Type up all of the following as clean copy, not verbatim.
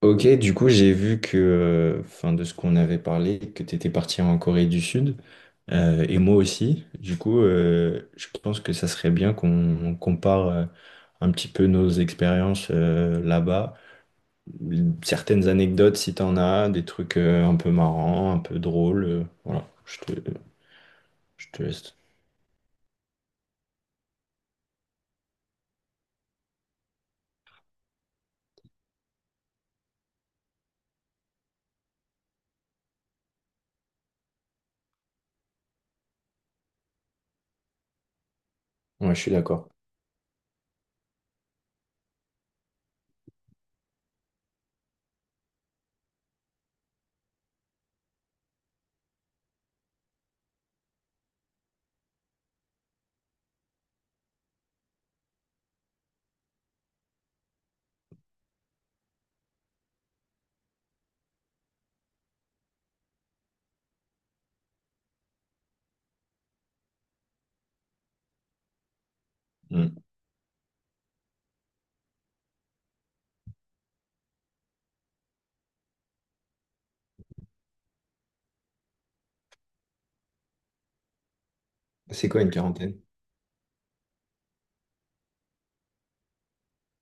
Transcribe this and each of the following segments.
Ok, du coup, j'ai vu que, enfin, de ce qu'on avait parlé, que tu étais parti en Corée du Sud, et moi aussi. Du coup, je pense que ça serait bien qu'on compare un petit peu nos expériences là-bas. Certaines anecdotes, si tu en as, des trucs un peu marrants, un peu drôles. Voilà, je te laisse. Ouais, je suis d'accord. Mm. C'est quoi une quarantaine?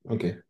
Ok.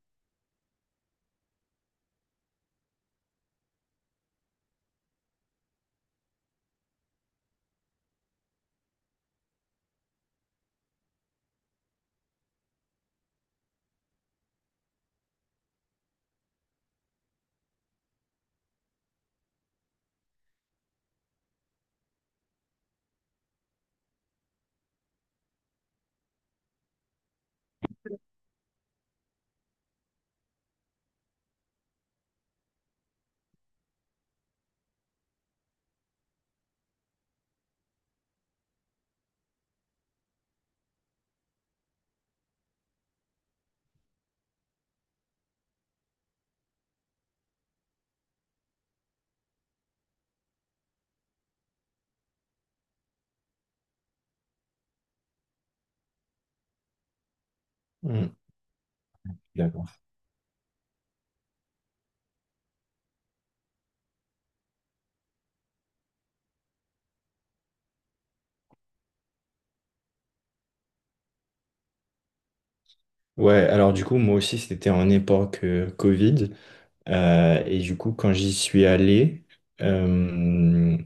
Mm. D'accord. Ouais, alors du coup, moi aussi, c'était en époque Covid. Et du coup, quand j'y suis allé, euh,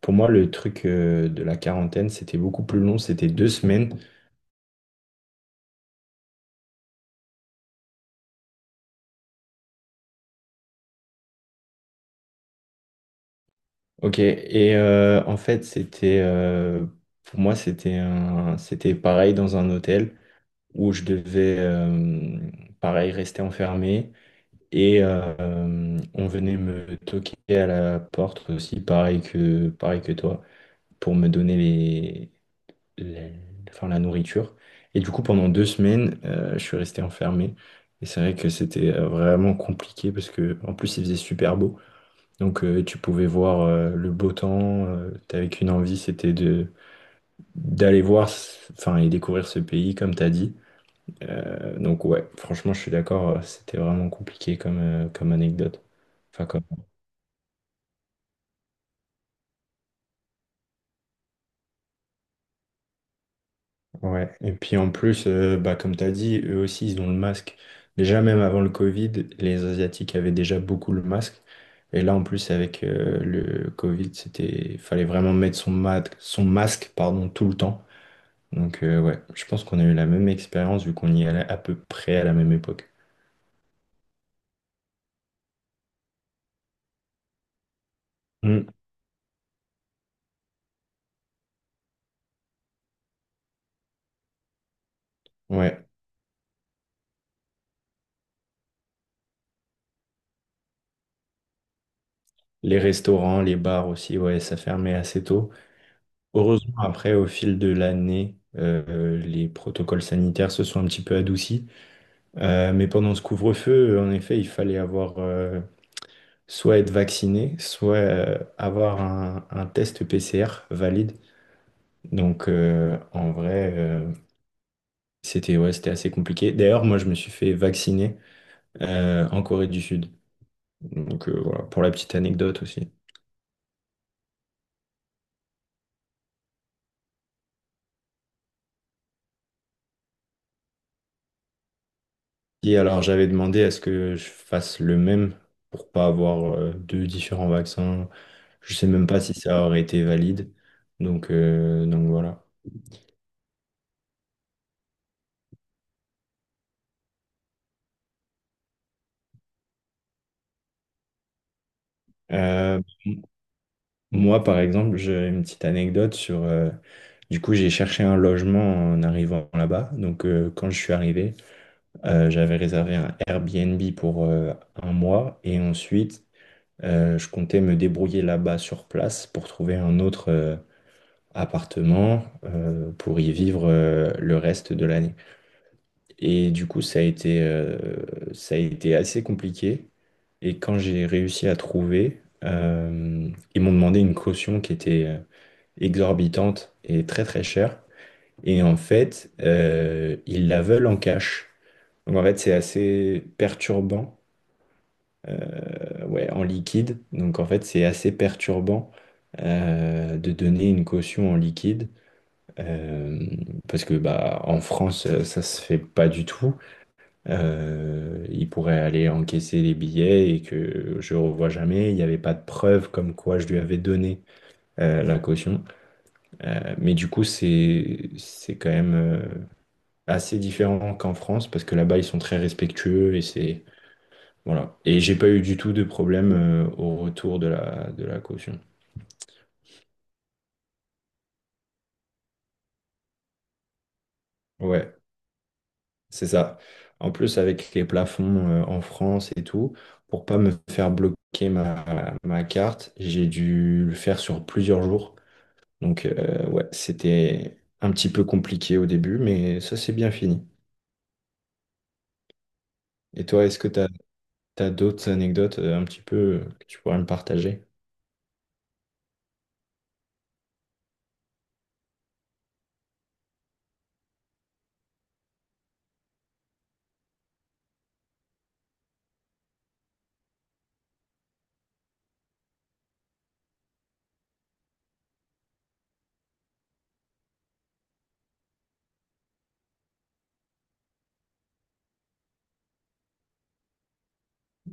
pour moi, le truc de la quarantaine, c'était beaucoup plus long, c'était deux semaines. Ok, et en fait, c'était pour moi, c'était pareil dans un hôtel où je devais, pareil, rester enfermé. Et on venait me toquer à la porte aussi, pareil que toi, pour me donner les- enfin, la nourriture. Et du coup, pendant deux semaines, je suis resté enfermé. Et c'est vrai que c'était vraiment compliqué parce que en plus, il faisait super beau. Donc, tu pouvais voir le beau temps. T'avais qu'une envie, c'était de d'aller voir, enfin, et découvrir ce pays, comme t'as dit. Donc, ouais, franchement, je suis d'accord. C'était vraiment compliqué comme, comme anecdote. Enfin, comme ouais, et puis en plus, bah, comme tu as dit, eux aussi, ils ont le masque. Déjà, même avant le Covid, les Asiatiques avaient déjà beaucoup le masque. Et là, en plus, avec le Covid, c'était, fallait vraiment mettre son masque, pardon, tout le temps. Donc, ouais, je pense qu'on a eu la même expérience vu qu'on y allait à peu près à la même époque. Mm. Ouais, les restaurants, les bars aussi, ouais, ça fermait assez tôt. Heureusement, après, au fil de l'année, les protocoles sanitaires se sont un petit peu adoucis. Mais pendant ce couvre-feu, en effet, il fallait avoir soit être vacciné, soit avoir un test PCR valide. Donc en vrai, c'était ouais, c'était assez compliqué. D'ailleurs, moi, je me suis fait vacciner en Corée du Sud. Donc voilà, pour la petite anecdote aussi. Et alors, j'avais demandé à ce que je fasse le même pour pas avoir deux différents vaccins. Je sais même pas si ça aurait été valide. Donc voilà. Euh, moi, par exemple, j'ai une petite anecdote sur. Du coup, j'ai cherché un logement en arrivant là-bas. Donc, quand je suis arrivé, j'avais réservé un Airbnb pour un mois. Et ensuite, je comptais me débrouiller là-bas sur place pour trouver un autre appartement pour y vivre le reste de l'année. Et du coup, ça a été assez compliqué. Et quand j'ai réussi à trouver, ils m'ont demandé une caution qui était. Exorbitante et très très chère. Et en fait, ils la veulent en cash. Donc en fait, ouais, en liquide. Donc en fait, c'est assez perturbant de donner une caution en liquide. euh, Parce que bah, en France, ça se fait pas du tout. Ils pourraient aller encaisser les billets et que je revois jamais. Il n'y avait pas de preuve comme quoi je lui avais donné la caution. Mais du coup, c'est quand même assez différent qu'en France parce que là-bas ils sont très respectueux et c'est voilà. Et j'ai pas eu du tout de problème au retour de la caution. Ouais, c'est ça. En plus avec les plafonds en France et tout, pour pas me faire bloquer ma carte, j'ai dû le faire sur plusieurs jours. Donc ouais, c'était un petit peu compliqué au début, mais ça c'est bien fini. Et toi, est-ce que tu as, d'autres anecdotes un petit peu que tu pourrais me partager?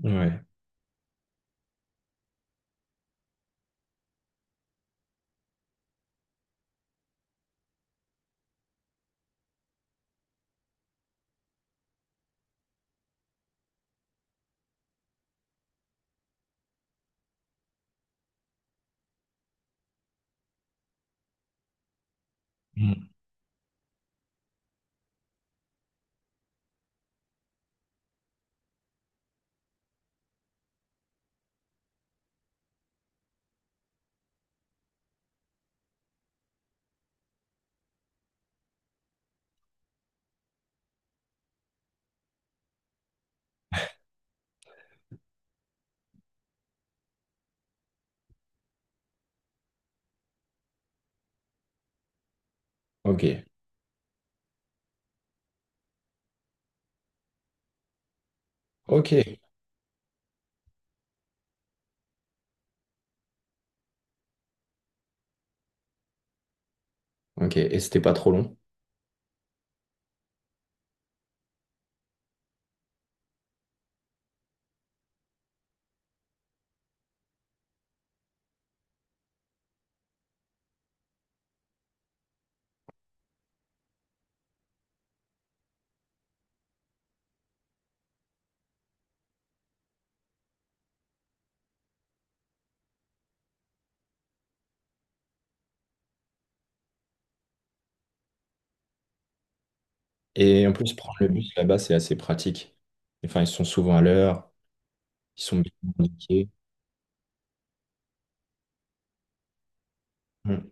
Ouais. Mm. Ok. Ok. Ok, et c'était pas trop long. Et en plus, prendre le bus là-bas, c'est assez pratique. Enfin, ils sont souvent à l'heure, ils sont bien indiqués. Mm.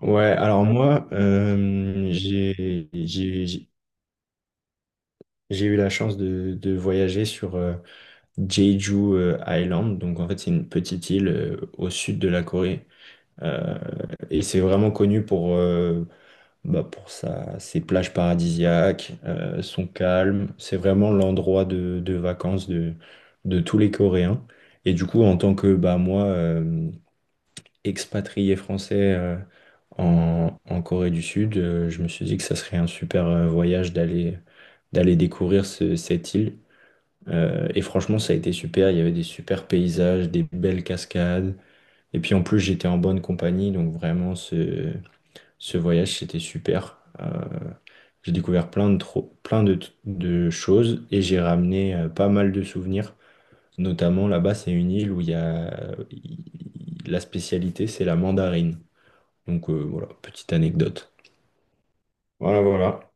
Ouais, alors moi, j'ai eu la chance de voyager sur Jeju Island. Donc en fait, c'est une petite île au sud de la Corée. Euh, et c'est vraiment connu pour, bah, pour ses plages paradisiaques, son calme. C'est vraiment l'endroit de vacances de tous les Coréens. Et du coup, en tant que bah, moi, expatrié français en Corée du Sud, je me suis dit que ça serait un super voyage d'aller découvrir cette île. Et franchement, ça a été super. Il y avait des super paysages, des belles cascades. Et puis en plus, j'étais en bonne compagnie, donc vraiment, ce voyage, c'était super. J'ai découvert plein de choses et j'ai ramené pas mal de souvenirs. Notamment là-bas, c'est une île où il y a il- la spécialité, c'est la mandarine. Donc voilà, petite anecdote. Voilà, voilà.